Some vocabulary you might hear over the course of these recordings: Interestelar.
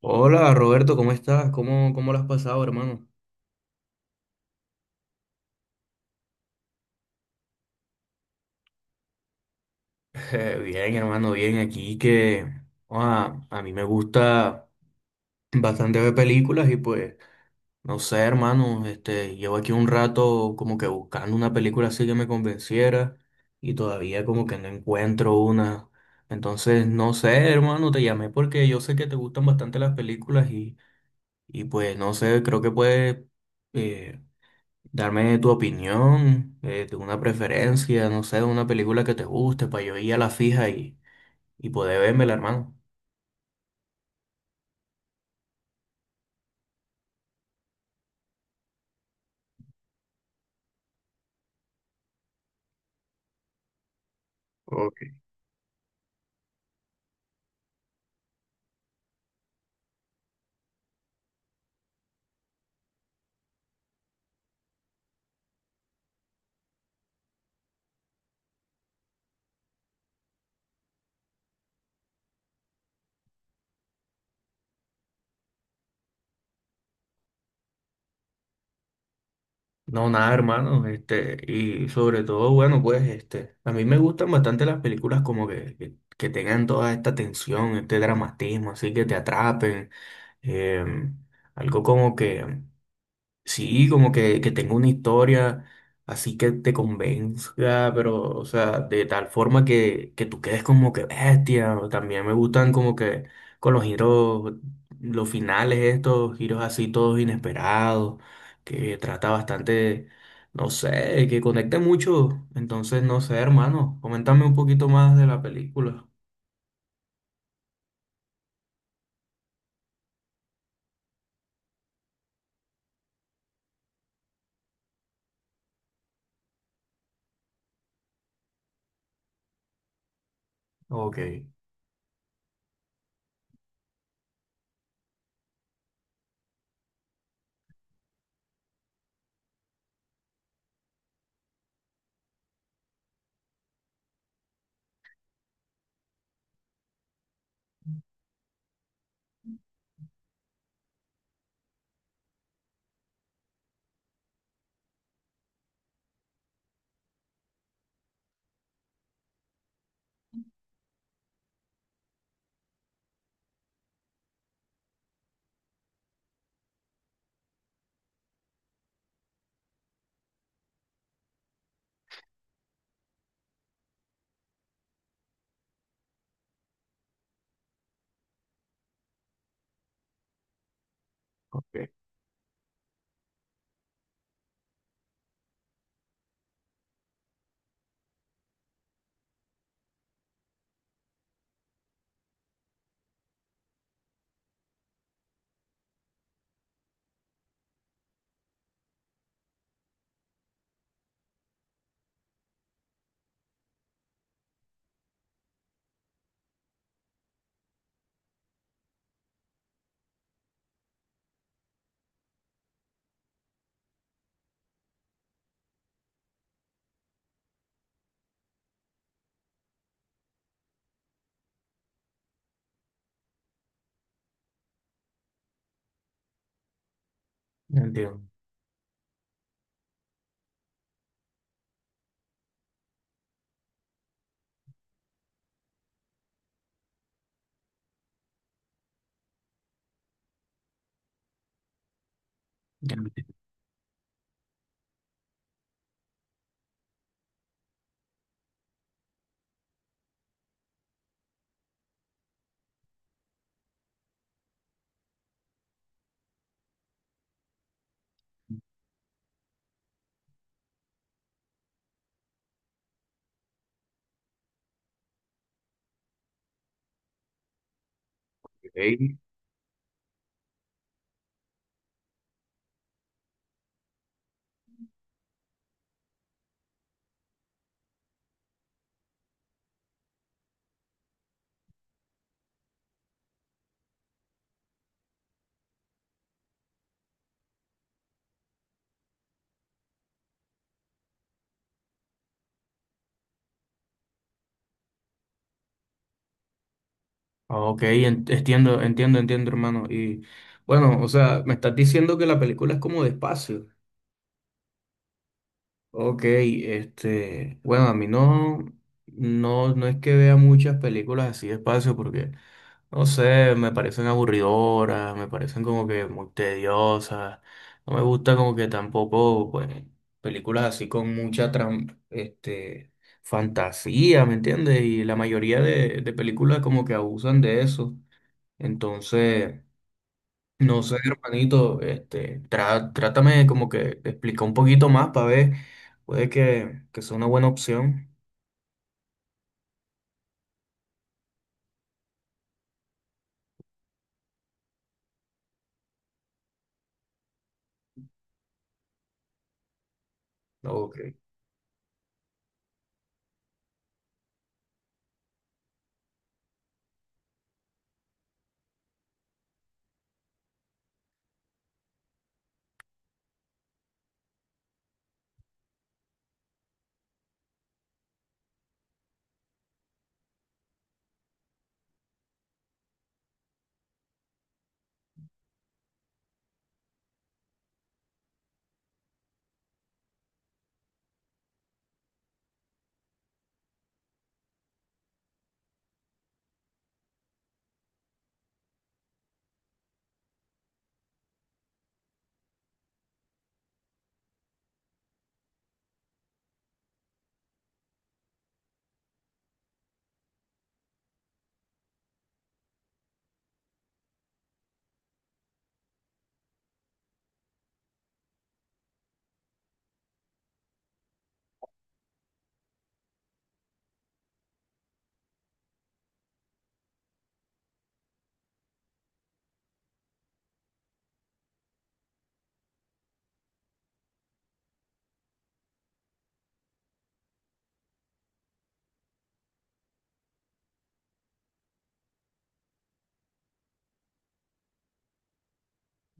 Hola Roberto, ¿cómo estás? ¿Cómo lo has pasado, hermano? Bien, hermano, bien. Aquí que a mí me gusta bastante ver películas y pues, no sé, hermano, llevo aquí un rato como que buscando una película así que me convenciera y todavía como que no encuentro una. Entonces, no sé, hermano, te llamé porque yo sé que te gustan bastante las películas y pues, no sé, creo que puedes eh, darme tu opinión, de una preferencia, no sé, de una película que te guste, para yo ir a la fija y poder vérmela, hermano. Ok. No, nada, hermano, este, y sobre todo, bueno, pues, este, a mí me gustan bastante las películas como que tengan toda esta tensión, este dramatismo, así que te atrapen, em, algo como que sí, como que tenga una historia así que te convenza, pero, o sea, de tal forma que tú quedes como que bestia. O también me gustan como que con los giros, los finales estos, giros así todos inesperados, que trata bastante, no sé, que conecte mucho. Entonces, no sé, hermano, coméntame un poquito más de la película. Ok, ok, entiendo. Ya. Ok, entiendo, entiendo, entiendo, hermano. Y bueno, o sea, me estás diciendo que la película es como de espacio. Ok, este, bueno, a mí no, no, no es que vea muchas películas así de espacio porque, no sé, me parecen aburridoras, me parecen como que muy tediosas. No me gusta como que tampoco, pues, películas así con mucha, este, fantasía, ¿me entiendes? Y la mayoría de películas como que abusan de eso. Entonces, no sé, hermanito, este, trátame como que de explicar un poquito más para ver, puede que sea una buena opción. Ok,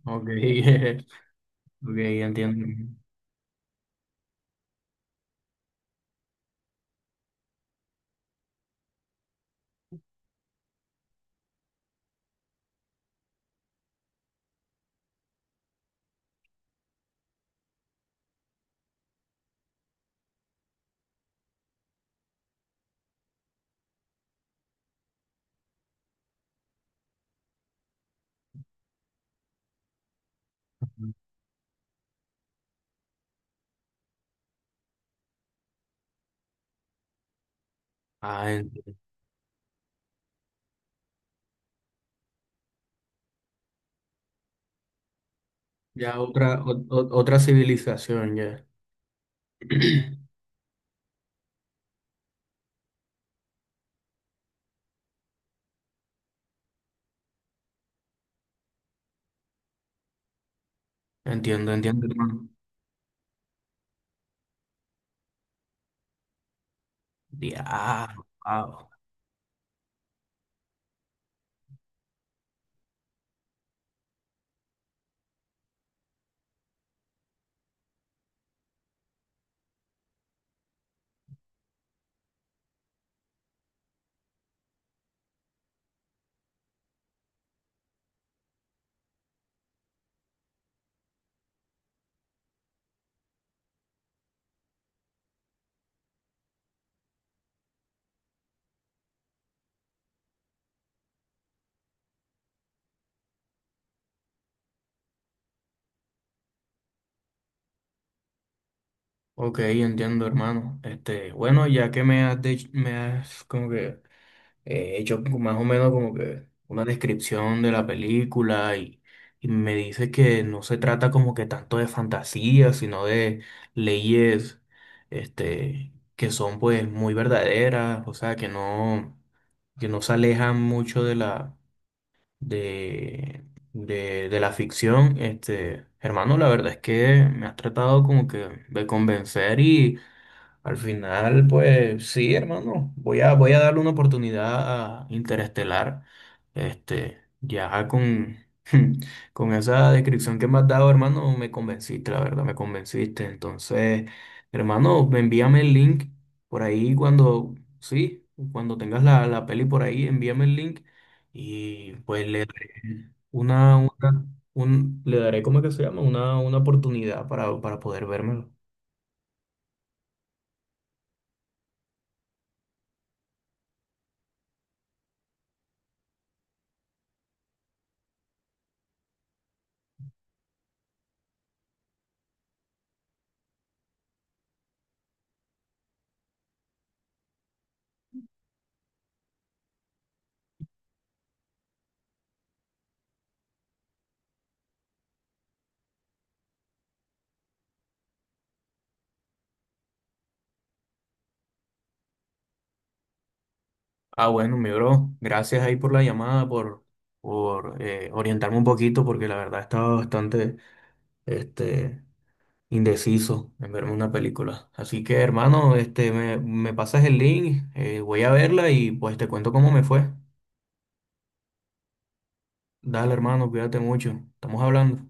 ok, ok, entiendo. Ah, entiendo. Ya otra, otra civilización, ya. Entiendo, entiendo, hermano. Ya, wow. Ok, entiendo, hermano. Este, bueno, ya que me has, me has como que he hecho como más o menos como que una descripción de la película y me dice que no se trata como que tanto de fantasía, sino de leyes este, que son pues muy verdaderas, o sea, que no se alejan mucho de de, de la ficción. Este, hermano, la verdad es que me has tratado como que de convencer y al final, pues sí, hermano, voy a darle una oportunidad a Interestelar, este, ya con, con esa descripción que me has dado, hermano, me convenciste, la verdad, me convenciste. Entonces, hermano, envíame el link por ahí cuando, sí, cuando tengas la peli por ahí, envíame el link y pues le daré una, una, le daré, ¿cómo es que se llama? Una oportunidad para poder vérmelo. Ah, bueno, mi bro, gracias ahí por la llamada, por orientarme un poquito, porque la verdad estaba bastante este, indeciso en verme una película. Así que, hermano, este, me pasas el link, voy a verla y pues te cuento cómo me fue. Dale, hermano, cuídate mucho. Estamos hablando.